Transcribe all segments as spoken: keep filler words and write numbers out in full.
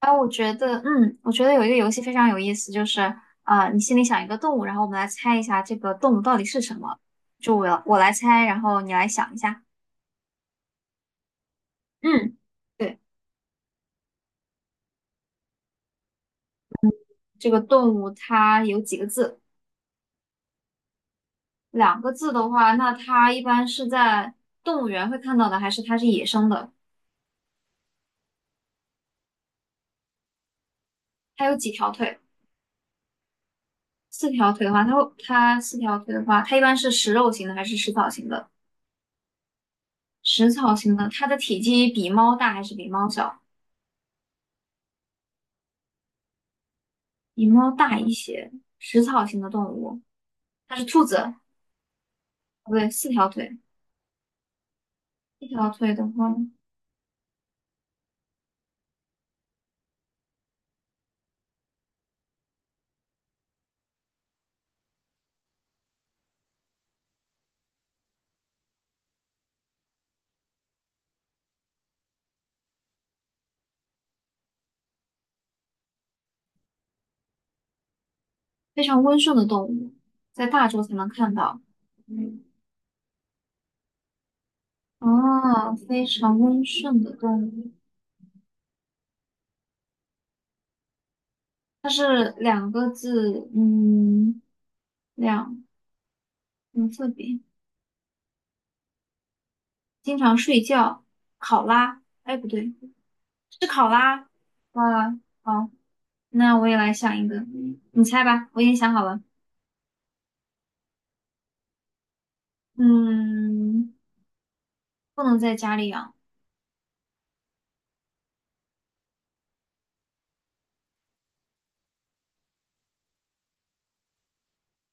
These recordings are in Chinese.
啊，我觉得，嗯，我觉得有一个游戏非常有意思，就是啊、呃你心里想一个动物，然后我们来猜一下这个动物到底是什么。就我我来猜，然后你来想一下。嗯，对，这个动物它有几个字？两个字的话，那它一般是在动物园会看到的，还是它是野生的？它有几条腿？四条腿的话，它会它四条腿的话，它一般是食肉型的还是食草型的？食草型的，它的体积比猫大还是比猫小？比猫大一些，食草型的动物，它是兔子，不对，四条腿，一条腿的话，非常温顺的动物，在大洲才能看到。嗯，哦，非常温顺的动物，它是两个字，嗯，两，嗯，字边，经常睡觉，考拉，哎，不对，是考拉，哇，好，那我也来想一个，你猜吧，我已经想好了，嗯，不能在家里养。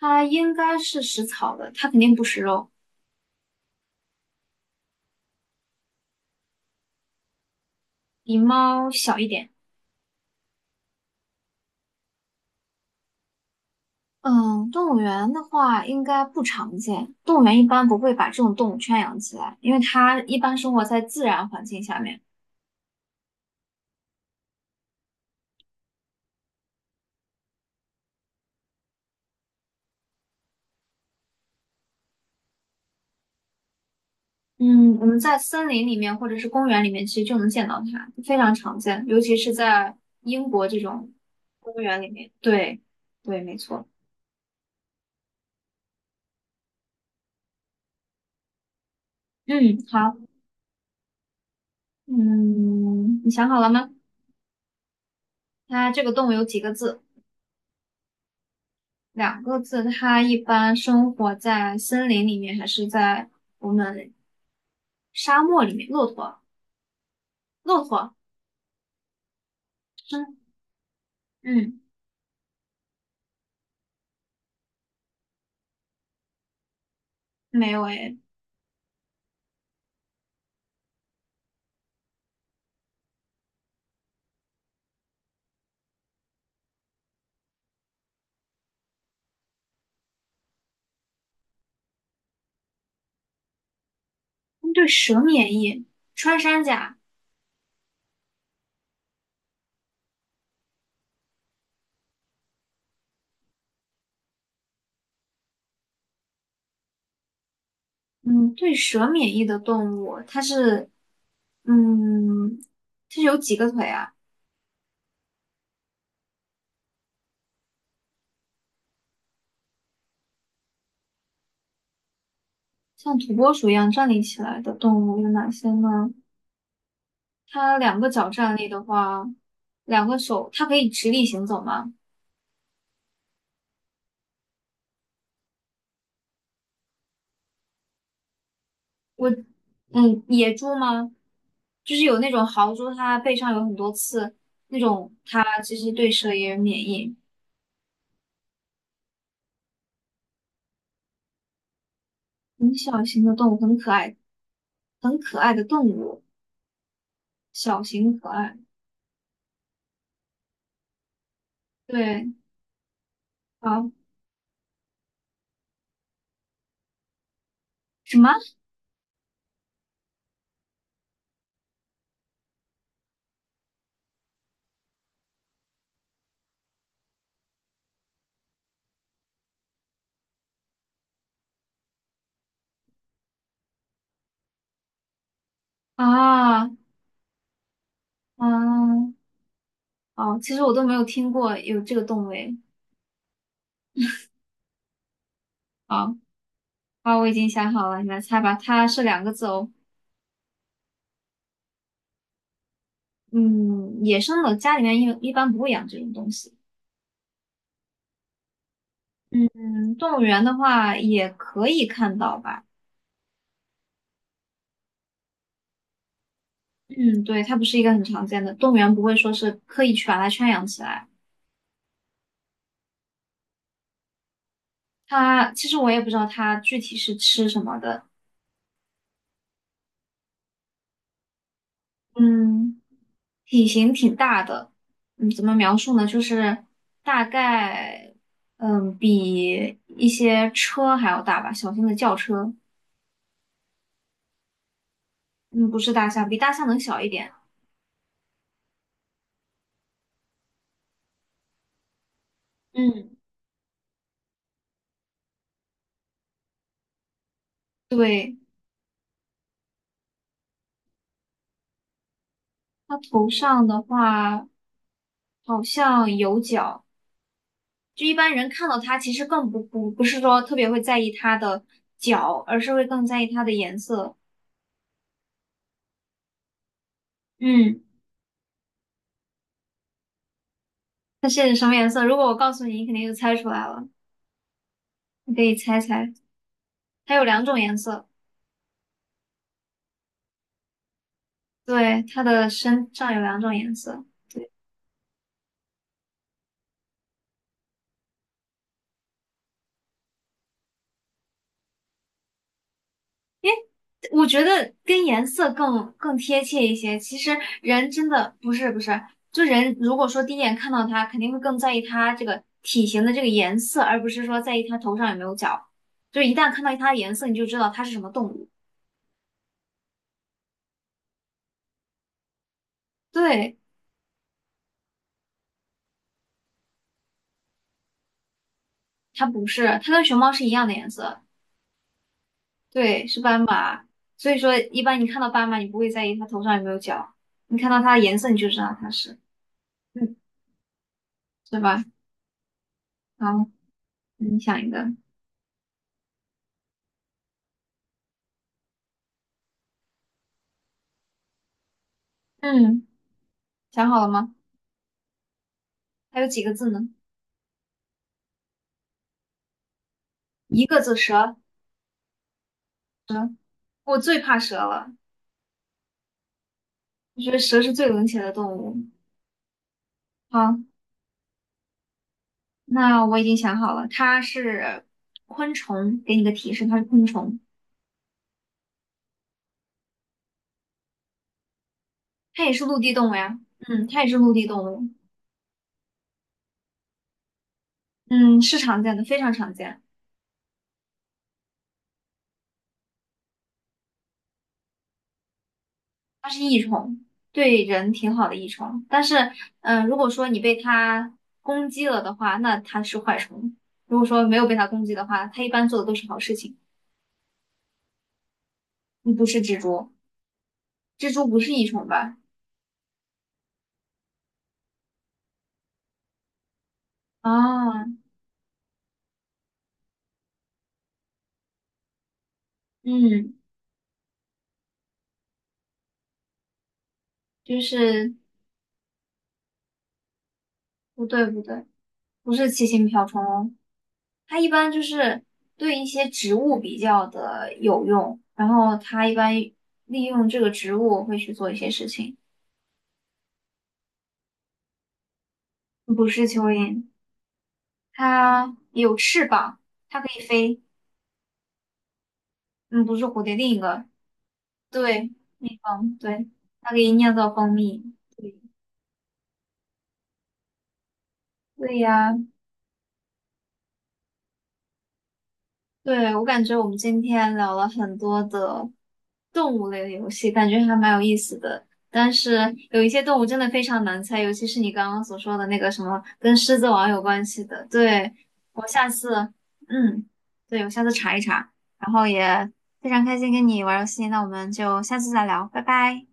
它应该是食草的，它肯定不食肉，比猫小一点。嗯，动物园的话应该不常见，动物园一般不会把这种动物圈养起来，因为它一般生活在自然环境下面。嗯，我们在森林里面或者是公园里面，其实就能见到它，非常常见，尤其是在英国这种公园里面。对，对，没错。嗯，好，嗯，你想好了吗？它这个动物有几个字？两个字，它一般生活在森林里面，还是在我们沙漠里面？骆驼，骆驼，嗯嗯，没有诶。对蛇免疫，穿山甲，嗯，对蛇免疫的动物，它是，嗯，它是有几个腿啊？像土拨鼠一样站立起来的动物有哪些呢？它两个脚站立的话，两个手，它可以直立行走吗？嗯，野猪吗？就是有那种豪猪，它背上有很多刺，那种它其实对蛇也有免疫。很小型的动物，很可爱，很可爱的动物，小型可爱。对，好，什么啊？嗯，哦，其实我都没有听过有这个动物诶。好，好，我已经想好了，你来猜吧。它是两个字哦。嗯，野生的家里面一一般不会养这种东西。嗯，动物园的话也可以看到吧。嗯，对，它不是一个很常见的，动物园不会说是刻意去把它圈养起来。它其实我也不知道它具体是吃什么的，嗯，体型挺大的，嗯，怎么描述呢？就是大概，嗯，比一些车还要大吧，小型的轿车，嗯，不是大象，比大象能小一点。嗯，对，它头上的话好像有角。就一般人看到它，其实更不不不是说特别会在意它的脚，而是会更在意它的颜色。嗯，它是什么颜色？如果我告诉你，你肯定就猜出来了。你可以猜猜，它有两种颜色。对，它的身上有两种颜色。诶，我觉得跟颜色更更贴切一些。其实人真的不是不是，就人如果说第一眼看到它，肯定会更在意它这个体型的这个颜色，而不是说在意它头上有没有角。就一旦看到它的颜色，你就知道它是什么动物。对，它不是，它跟熊猫是一样的颜色，对，是斑马。所以说，一般你看到斑马，你不会在意它头上有没有角，你看到它的颜色，你就知道它是，嗯，是吧？好，你想一个，嗯，想好了吗？还有几个字呢？一个字，蛇。我最怕蛇了，我觉得蛇是最冷血的动物。好，那我已经想好了，它是昆虫。给你个提示，它是昆虫，它也是陆地动物呀。嗯，它也是陆地动物。嗯，是常见的，非常常见。它是益虫，对人挺好的益虫。但是，嗯、如果说你被它攻击了的话，那它是坏虫；如果说没有被它攻击的话，它一般做的都是好事情。你不是蜘蛛，蜘蛛不是益虫吧？啊，嗯，就是不对不对，不是七星瓢虫哦，它一般就是对一些植物比较的有用，然后它一般利用这个植物会去做一些事情，不是蚯蚓。它有翅膀，它可以飞。嗯，不是蝴蝶，另一个，对，蜜蜂，对，它可以酿造蜂蜜。对呀，对，我感觉我们今天聊了很多的动物类的游戏，感觉还蛮有意思的。但是有一些动物真的非常难猜，尤其是你刚刚所说的那个什么跟狮子王有关系的。对，我下次，嗯，对，我下次查一查。然后也非常开心跟你玩游戏，那我们就下次再聊，拜拜。